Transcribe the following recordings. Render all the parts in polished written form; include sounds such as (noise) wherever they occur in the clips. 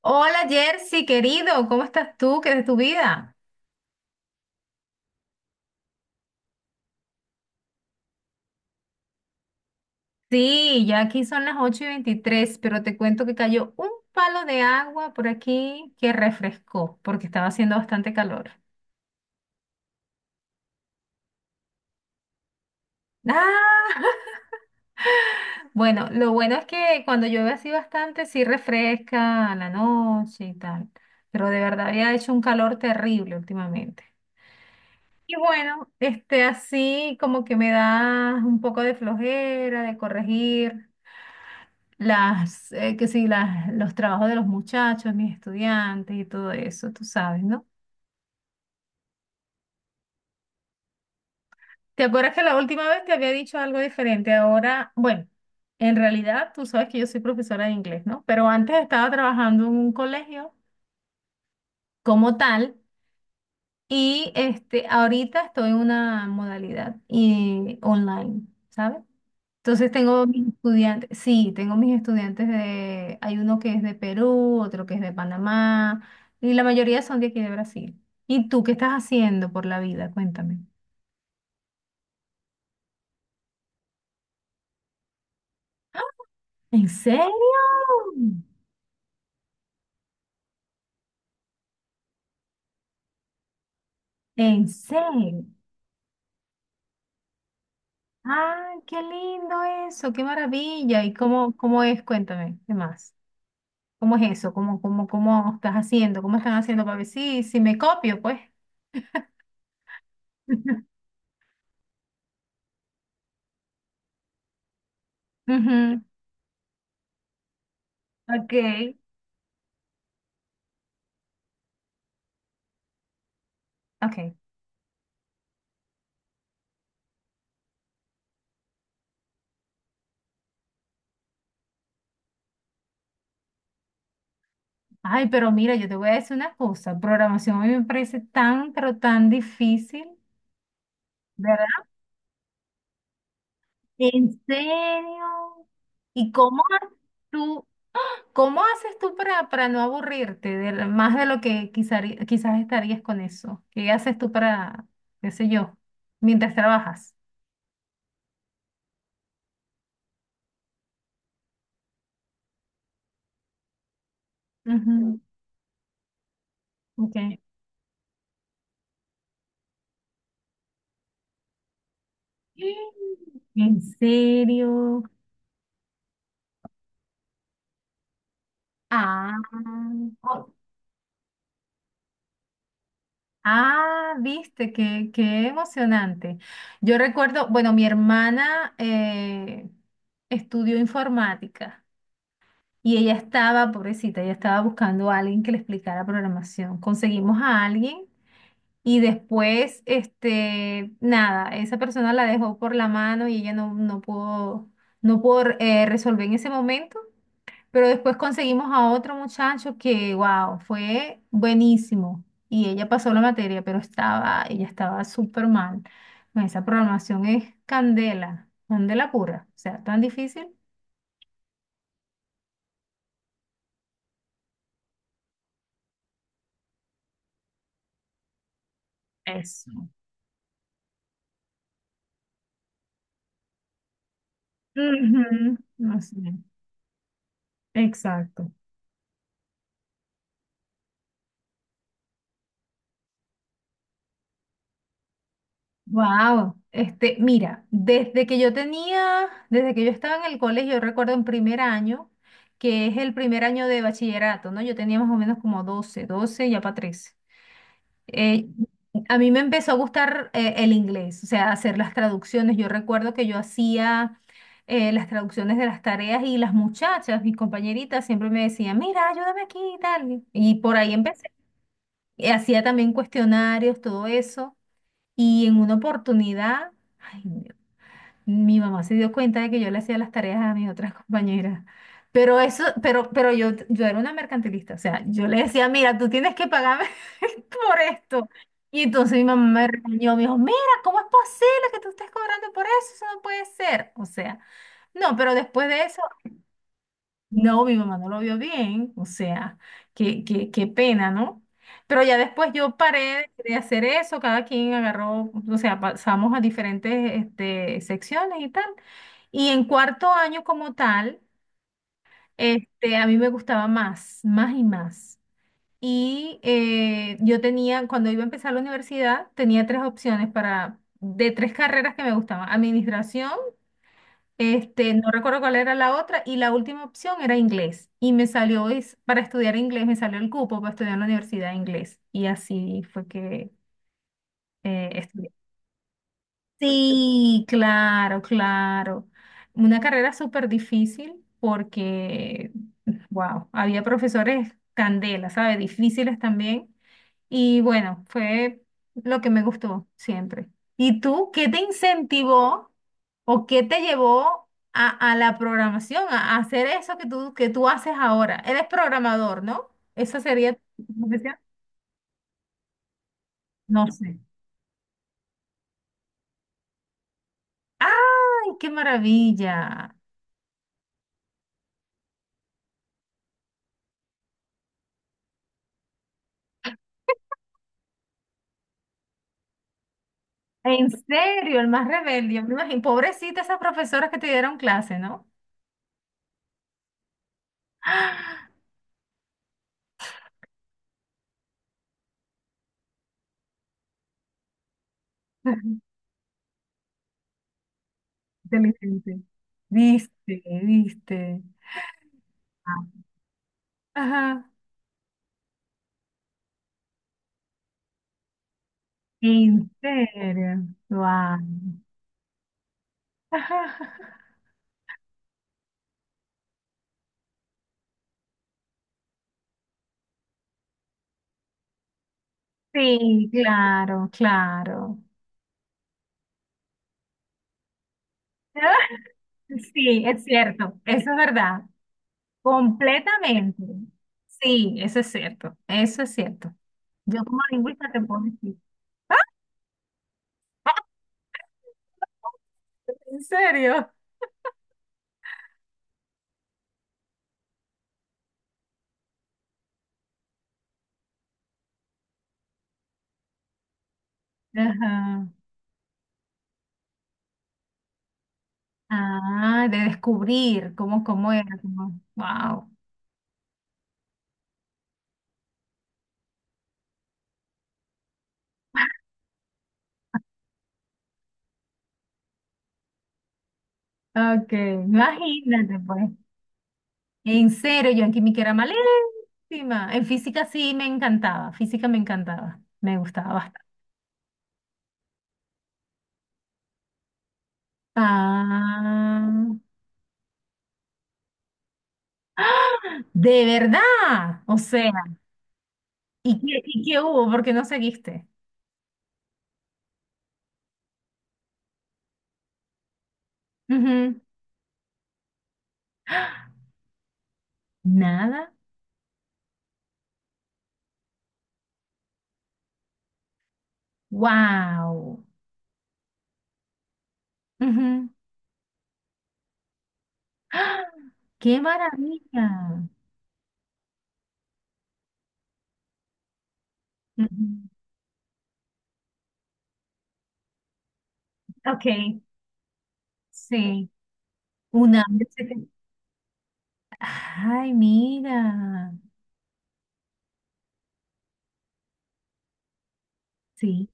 Hola Jersey, querido, ¿cómo estás tú? ¿Qué es de tu vida? Sí, ya aquí son las 8:23, pero te cuento que cayó un palo de agua por aquí que refrescó porque estaba haciendo bastante calor. Ah, bueno, lo bueno es que cuando llueve así bastante, sí refresca a la noche y tal, pero de verdad había hecho un calor terrible últimamente. Y bueno, este así como que me da un poco de flojera de corregir las, que sí, los trabajos de los muchachos, mis estudiantes y todo eso, tú sabes, ¿no? ¿Te acuerdas que la última vez te había dicho algo diferente? Ahora, bueno, en realidad tú sabes que yo soy profesora de inglés, ¿no? Pero antes estaba trabajando en un colegio como tal y este, ahorita estoy en una modalidad y online, ¿sabes? Entonces tengo mis estudiantes, sí, tengo mis estudiantes de, hay uno que es de Perú, otro que es de Panamá, y la mayoría son de aquí de Brasil. ¿Y tú qué estás haciendo por la vida? Cuéntame. ¿En serio? ¿En serio? ¡Ah, qué lindo eso! ¡Qué maravilla! ¿Y cómo, cómo es? Cuéntame, ¿qué más? ¿Cómo es eso? ¿Cómo, cómo, cómo estás haciendo? ¿Cómo están haciendo para ver si, me copio, pues? (laughs) Ujú. Ok, ok. Ay, pero mira, yo te voy a decir una cosa, programación a mí me parece tan, pero tan difícil, ¿verdad? ¿En serio? ¿Y tú, cómo haces tú para, no aburrirte más de lo que quizás estarías con eso? ¿Qué haces tú para, qué sé yo, mientras trabajas? Ujú, ok. (gasps) ¿En serio? Ah, ok. Ah, viste, qué, qué emocionante. Yo recuerdo, bueno, mi hermana estudió informática y ella estaba, pobrecita, ella estaba buscando a alguien que le explicara programación. Conseguimos a alguien y después, este, nada, esa persona la dejó por la mano y ella no, no pudo, resolver en ese momento. Pero después conseguimos a otro muchacho que, wow, fue buenísimo. Y ella pasó la materia, pero estaba, ella estaba súper mal. Bueno, esa programación es candela, candela pura. O sea, tan difícil. Eso. Ujú. No sé. Exacto. Wow. Este, mira, desde que yo estaba en el colegio, yo recuerdo en primer año, que es el primer año de bachillerato, ¿no? Yo tenía más o menos como doce ya para 13. Eh, a mí me empezó a gustar el inglés, o sea, hacer las traducciones. Yo recuerdo que yo hacía las traducciones de las tareas y las muchachas, mis compañeritas, siempre me decían, mira, ayúdame aquí y tal. Y por ahí empecé. Y hacía también cuestionarios, todo eso. Y en una oportunidad, mi mamá se dio cuenta de que yo le hacía las tareas a mis otras compañeras. Pero eso, pero yo, era una mercantilista. O sea, yo le decía, mira, tú tienes que pagarme (laughs) por esto. Y entonces mi mamá me regañó, me dijo, mira, ¿cómo es posible que tú estés cobrando por eso? Eso no puede ser. O sea, no, pero después de eso, no, mi mamá no lo vio bien. O sea, qué, qué, qué pena, ¿no? Pero ya después yo paré de hacer eso, cada quien agarró, o sea, pasamos a diferentes este, secciones y tal. Y en cuarto año como tal, este, a mí me gustaba más, más y más. Y cuando iba a empezar la universidad, tenía tres opciones para, de tres carreras que me gustaban. Administración, este, no recuerdo cuál era la otra, y la última opción era inglés. Y me salió, para estudiar inglés, me salió el cupo para estudiar en la universidad de inglés. Y así fue que estudié. Sí, claro, claro. Una carrera súper difícil porque, wow, había profesores candela, ¿sabes? Difíciles también. Y bueno, fue lo que me gustó siempre. ¿Y tú qué te incentivó o qué te llevó a la programación, a hacer eso que tú haces ahora? Eres programador, ¿no? ¿Esa sería tu profesión? No sé. ¡Ay, qué maravilla! En serio, el más rebelde, yo me imagino. Pobrecita esas profesoras que te dieron clase, ¿no? (gasps) (laughs) ¡Ah! Inteligente. Viste, viste. Ah. Ajá. En serio. Wow. (laughs) Sí, claro, claro. (laughs) Sí, es cierto. Eso es verdad. Completamente. Sí, eso es cierto. Eso es cierto. Yo como lingüista te puedo decir. (laughs) ¿En serio? Ajá. Ah, de descubrir cómo era, como, wow. Ok, imagínate, pues. En serio, yo en química era malísima. En física sí me encantaba, física me encantaba, me gustaba bastante. Ah, de verdad, o sea, y qué hubo? ¿Por qué no seguiste? Ujú. Nada, wow. ¡Qué maravilla! Ujú. Ok, sí. Un año. Ay, mira. Sí.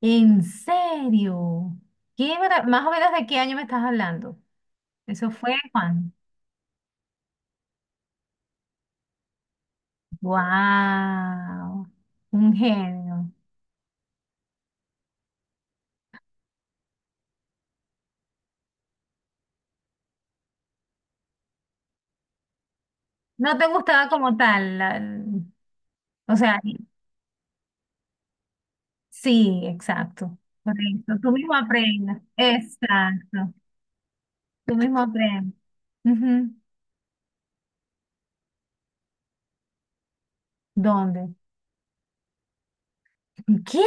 ¿En serio? ¿Qué más o menos de qué año me estás hablando? Eso fue Juan. Wow. Un genio. No te gustaba como tal. La, o sea, sí, exacto. Correcto. Tú mismo aprendes. Exacto. Tú mismo aprendes. Ujú. ¿Dónde? ¿Qué?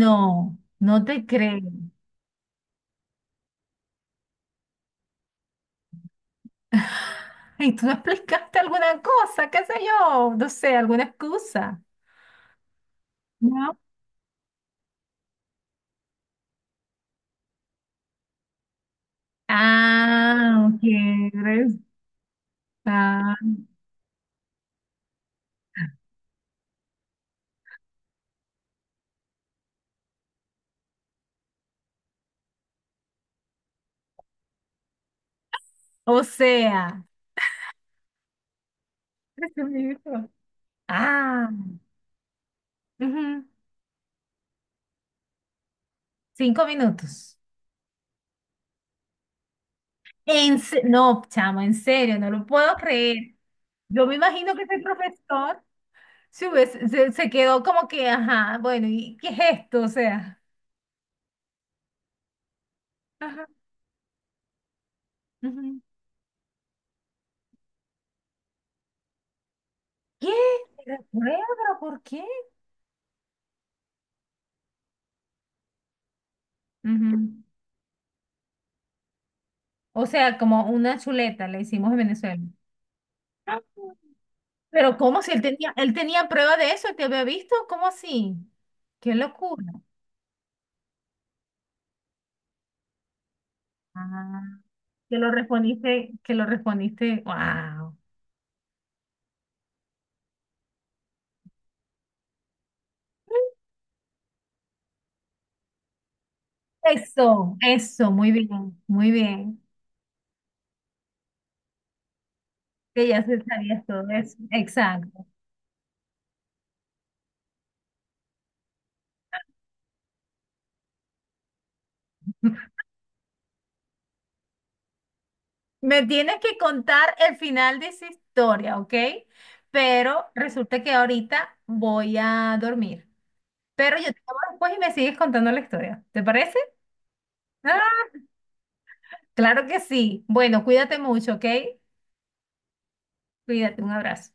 No, no te creo. (laughs) ¿Y tú no explicaste alguna cosa? ¿Qué sé yo? No sé, alguna excusa. ¿No? Ah, quieres. Ah, (laughs) o sea, 3 minutos. Ah, ujú, 5 minutos. No, chamo, en serio, no lo puedo creer. Yo me imagino que ese profesor se quedó como que, ajá, bueno, ¿y qué es esto? O sea, ajá, ujú. ¿Qué? Recuerdo, ¿pero por qué? Ujú. O sea, como una chuleta le hicimos en Venezuela. Ah. Pero ¿cómo si él tenía, él tenía prueba de eso, él te había visto? ¿Cómo así? ¡Qué locura! Ah, que lo respondiste, wow. Eso, muy bien, muy bien. Que ya se sabía todo eso. Exacto. Me tienes que contar el final de esa historia, ¿ok? Pero resulta que ahorita voy a dormir. Pero yo te llamo después y me sigues contando la historia. ¿Te parece? Ah, claro que sí. Bueno, cuídate mucho, ¿ok? Cuídate, un abrazo.